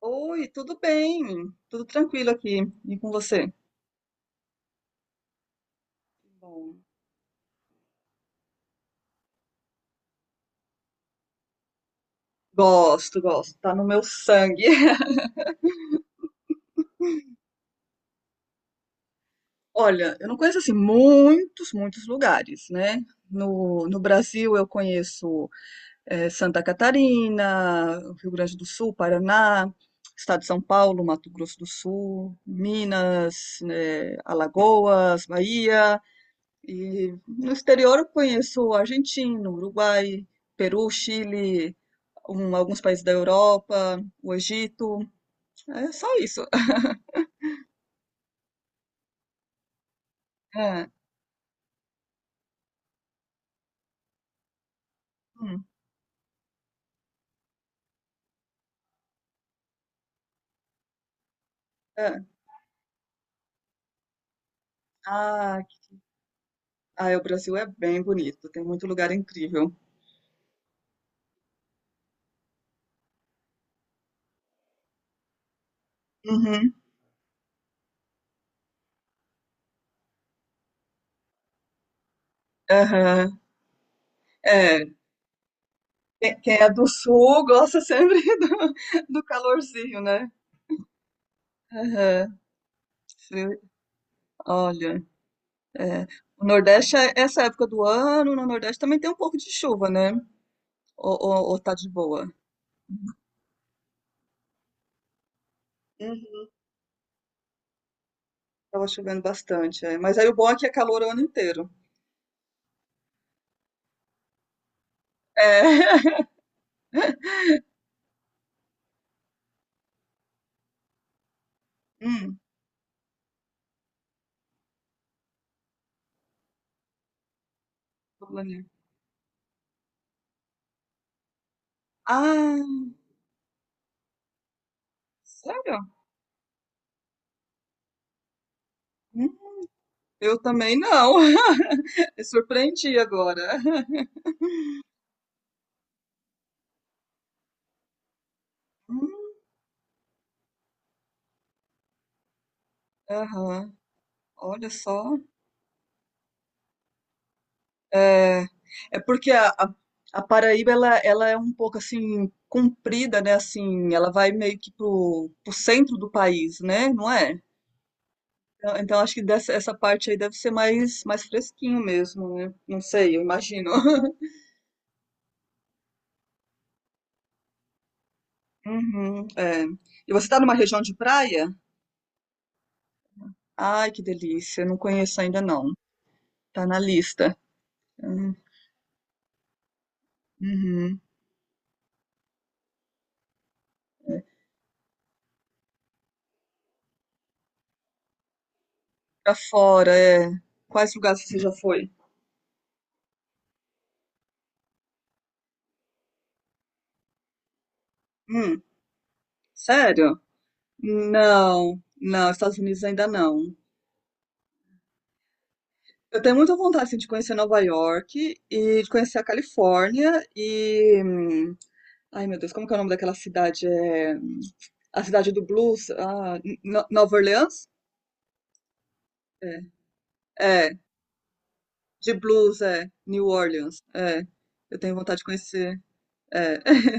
Oi, tudo bem? Tudo tranquilo aqui. E com você? Bom, gosto, gosto. Tá no meu sangue. Olha, eu não conheço assim muitos, muitos lugares, né? No Brasil eu conheço Santa Catarina, Rio Grande do Sul, Paraná, Estado de São Paulo, Mato Grosso do Sul, Minas, né, Alagoas, Bahia. E no exterior eu conheço Argentina, Uruguai, Peru, Chile, alguns países da Europa, o Egito. É só isso. É, hum, é. Ah, ah, é, o Brasil é bem bonito, tem muito lugar incrível. Uhum, aham. É, quem é do sul gosta sempre do, calorzinho, né? Aham, sim. Olha, é, o Nordeste, essa época do ano, no Nordeste também tem um pouco de chuva, né? Ou tá de boa? Uhum, tava chovendo bastante, é. Mas aí o bom é que é calor o ano inteiro. É. Hum, tô planejando. Ah, sério? Hum, Eu também não. Me surpreendi agora. Hum, aham, olha só. É, é porque a, Paraíba ela é um pouco assim comprida, né? Assim, ela vai meio que pro centro do país, né? Não é? Então, acho que essa parte aí deve ser mais fresquinho mesmo, né? Não sei, eu imagino. Uhum, é. E você está numa região de praia? Ai, que delícia. Não conheço ainda não. Tá na lista. Hum, Uhum. Pra fora, é. Quais lugares você já foi? Hum, sério? Não, não, Estados Unidos ainda não. Eu tenho muita vontade assim, de conhecer Nova York e de conhecer a Califórnia e. Ai, meu Deus, como que é o nome daquela cidade? É... A cidade do blues? Ah, Nova Orleans? É. É, de blues, é. New Orleans, é. Eu tenho vontade de conhecer. É.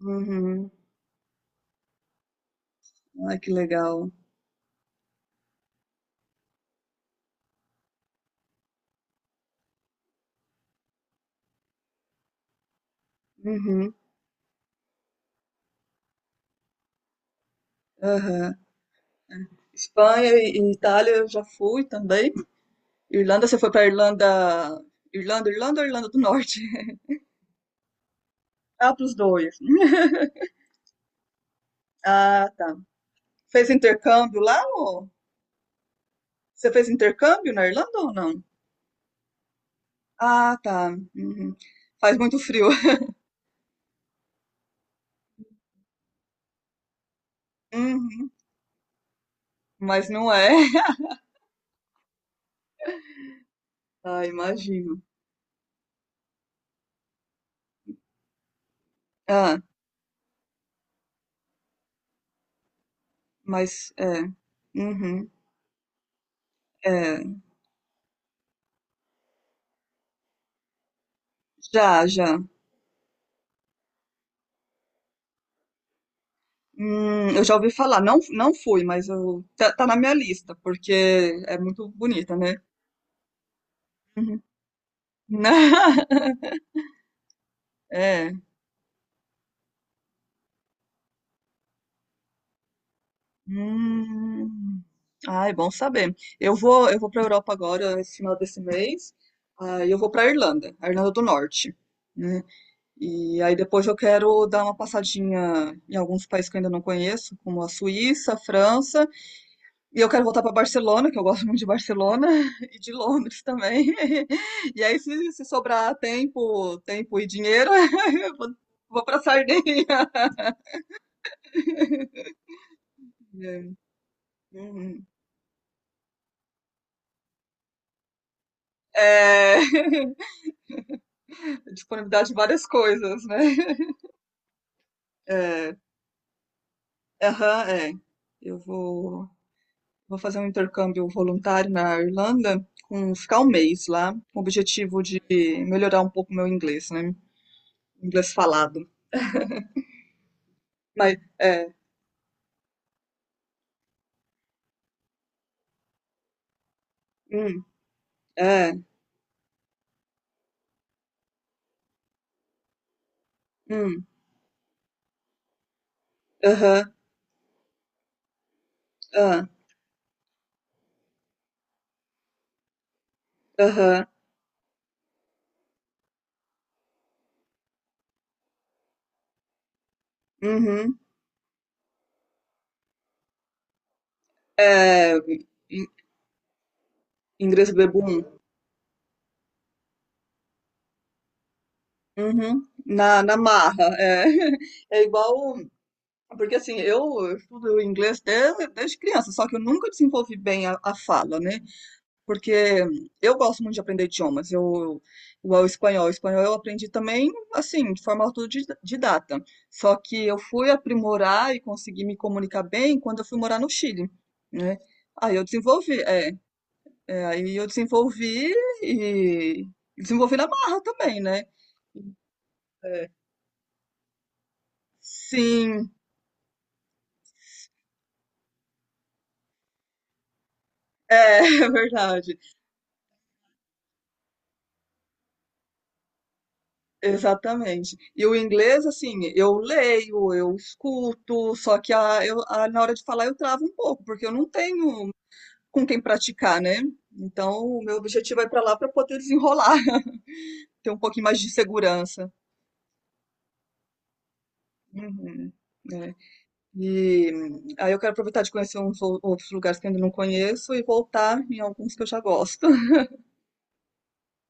Uhum. Ai, que legal. Uhum. Aham. Espanha e Itália eu já fui também. Irlanda, você foi para Irlanda. Irlanda, Irlanda ou Irlanda do Norte? Ah, pros dois. Hum? Ah, tá. Fez intercâmbio lá ou? Você fez intercâmbio na Irlanda ou não? Ah, tá. Uhum. Faz muito frio. Uhum. Mas não é. Ah, imagino. Ah, mas é. Uhum. É. Já, já. Eu já ouvi falar. Não, não fui, mas eu, tá na minha lista, porque é muito bonita, né? Uhum. É. Hum. Ah, é bom saber. Eu vou para Europa agora, esse final desse mês. Aí eu vou para Irlanda, a Irlanda do Norte, né? E aí depois eu quero dar uma passadinha em alguns países que eu ainda não conheço, como a Suíça, a França. E eu quero voltar para Barcelona, que eu gosto muito de Barcelona e de Londres também. E aí, se sobrar tempo, e dinheiro, eu vou para Sardinha. É, uhum. É, disponibilidade de várias coisas, né? É, aham, é. Eu vou fazer um intercâmbio voluntário na Irlanda, com, ficar um mês lá, com o objetivo de melhorar um pouco meu inglês, né? Inglês falado. Mas, é, hum, é, hum, aham. Ah, aham. Uhum. É, In Ingrid Bebum. Uhum. Na marra, é. É igual porque, assim, eu estudo inglês desde criança, só que eu nunca desenvolvi bem a fala, né, porque eu gosto muito de aprender idiomas, eu igual o espanhol eu aprendi também, assim, de forma autodidata, só que eu fui aprimorar e consegui me comunicar bem quando eu fui morar no Chile, né. Aí eu desenvolvi é. É, aí eu desenvolvi e desenvolvi na marra também, né? É, sim, é, é verdade, exatamente. E o inglês, assim, eu leio, eu escuto, só que na hora de falar eu travo um pouco, porque eu não tenho com quem praticar, né? Então, o meu objetivo é para lá para poder desenrolar, ter um pouquinho mais de segurança. Uhum, é. E aí eu quero aproveitar de conhecer outros lugares que eu ainda não conheço e voltar em alguns que eu já gosto.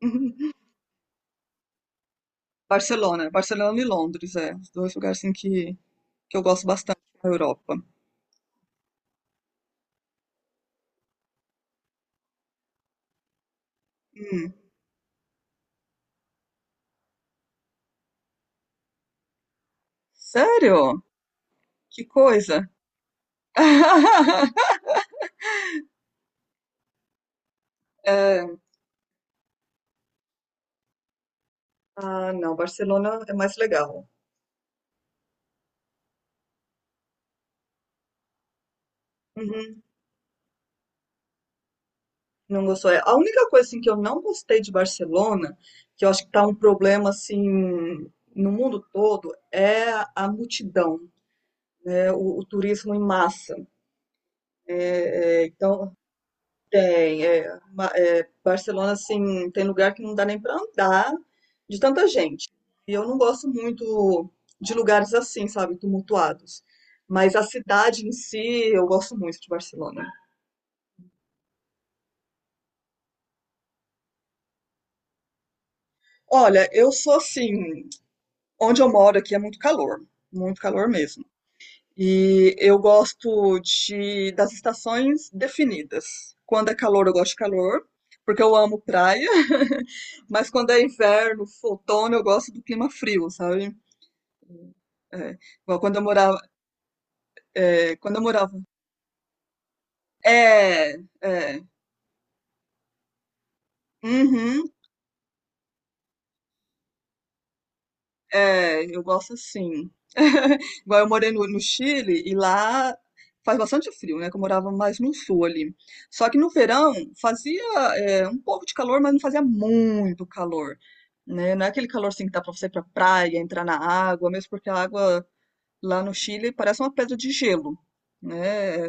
Barcelona, Barcelona e Londres, é, os dois lugares assim que eu gosto bastante na Europa. Hum. Sério? Que coisa! É, ah, não, Barcelona é mais legal. Uhum, não gostou. É, a única coisa assim, que eu não gostei de Barcelona, que eu acho que tá um problema assim no mundo todo, é a multidão, é o turismo em massa. É, é, então, tem, é, é, Barcelona, assim, tem lugar que não dá nem para andar de tanta gente. E eu não gosto muito de lugares assim, sabe, tumultuados. Mas a cidade em si, eu gosto muito de Barcelona. Olha, eu sou assim, onde eu moro aqui é muito calor mesmo. E eu gosto das estações definidas. Quando é calor, eu gosto de calor, porque eu amo praia. Mas quando é inverno, outono, eu gosto do clima frio, sabe? É, igual quando eu morava. É, quando eu morava. É, é. Uhum. É, eu gosto assim. Igual eu morei no Chile e lá faz bastante frio, né? Que eu morava mais no sul ali. Só que no verão fazia um pouco de calor, mas não fazia muito calor, né? Não é aquele calor assim que dá pra você ir pra praia, entrar na água, mesmo porque a água lá no Chile parece uma pedra de gelo, né? É,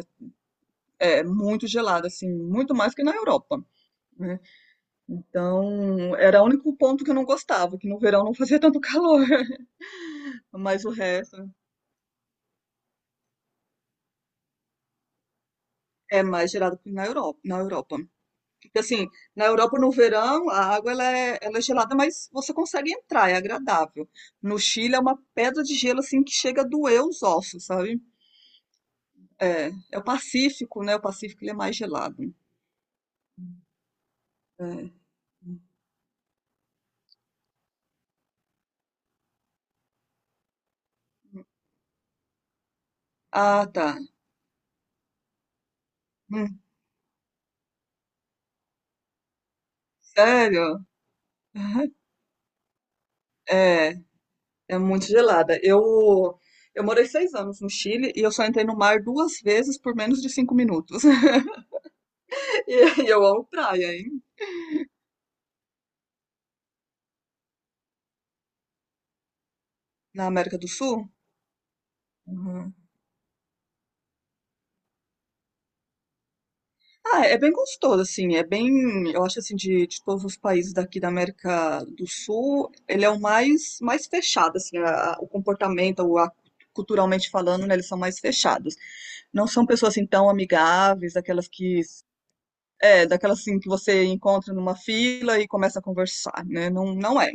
é muito gelada, assim, muito mais que na Europa. Né? Então, era o único ponto que eu não gostava, que no verão não fazia tanto calor, mas o resto. É mais gelado que na Europa, na Europa. Porque assim, na Europa no verão a água ela é gelada, mas você consegue entrar, é agradável. No Chile é uma pedra de gelo assim que chega a doer os ossos, sabe? É, é o Pacífico, né? O Pacífico ele é mais gelado. É. Ah, tá. Hum, sério? É, é muito gelada. Eu morei 6 anos no Chile e eu só entrei no mar duas vezes por menos de 5 minutos. E eu amo praia, hein? Na América do Sul. Uhum. Ah, é bem gostoso, assim, é bem, eu acho assim, de todos os países daqui da América do Sul, ele é o mais, mais fechado, assim, o comportamento, culturalmente falando, né, eles são mais fechados. Não são pessoas, assim, tão amigáveis, daquelas, assim, que você encontra numa fila e começa a conversar, né, não, não é,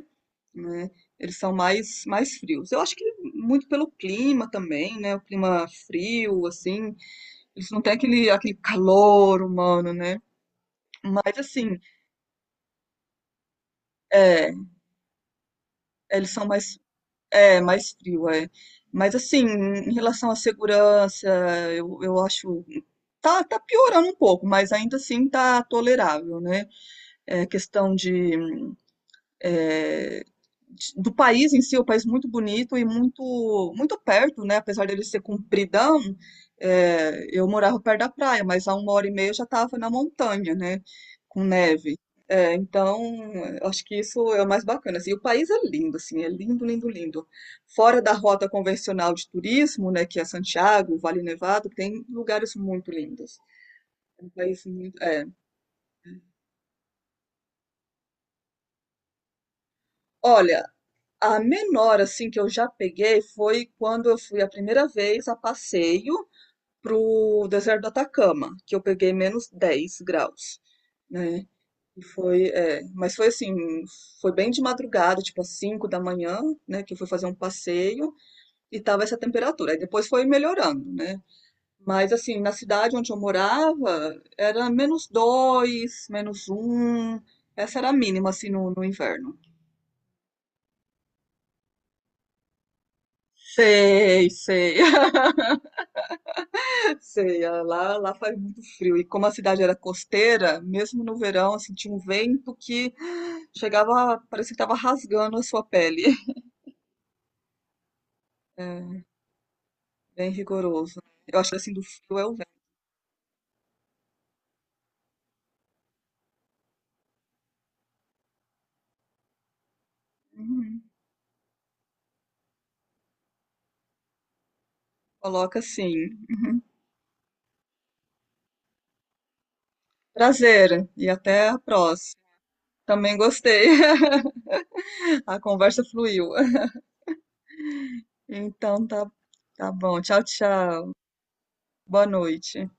né, eles são mais, mais frios. Eu acho que muito pelo clima também, né, o clima frio, assim, eles não têm aquele calor humano, né, mas assim, é, eles são mais, é, mais frio, é. Mas assim, em relação à segurança, eu acho. Tá piorando um pouco, mas ainda assim tá tolerável, né? É questão é, do país em si, é um país muito bonito e muito, muito perto, né? Apesar dele ser compridão, é, eu morava perto da praia, mas há uma hora e meia eu já estava na montanha, né? Com neve. É, então, eu acho que isso é o mais bacana. Assim, o país é lindo, assim, é lindo, lindo, lindo. Fora da rota convencional de turismo, né, que é Santiago, Vale Nevado, tem lugares muito lindos. É um país muito. É. Olha, a menor, assim, que eu já peguei foi quando eu fui a primeira vez a passeio pro deserto do Atacama, que eu peguei -10 graus, né? E foi, é, mas foi assim, foi bem de madrugada, tipo às 5 da manhã, né? Que eu fui fazer um passeio e tava essa temperatura. Aí depois foi melhorando, né? Mas assim, na cidade onde eu morava, era -2, -1. Essa era a mínima, assim, no inverno. Sei, sei. Sei, ah, lá faz muito frio. E como a cidade era costeira, mesmo no verão, assim, tinha um vento que chegava, parecia que estava rasgando a sua pele. É, bem rigoroso. Eu acho que assim do frio é o vento. Uhum. Coloca assim. Prazer e até a próxima. Também gostei. A conversa fluiu. Então tá, tá bom. Tchau, tchau. Boa noite.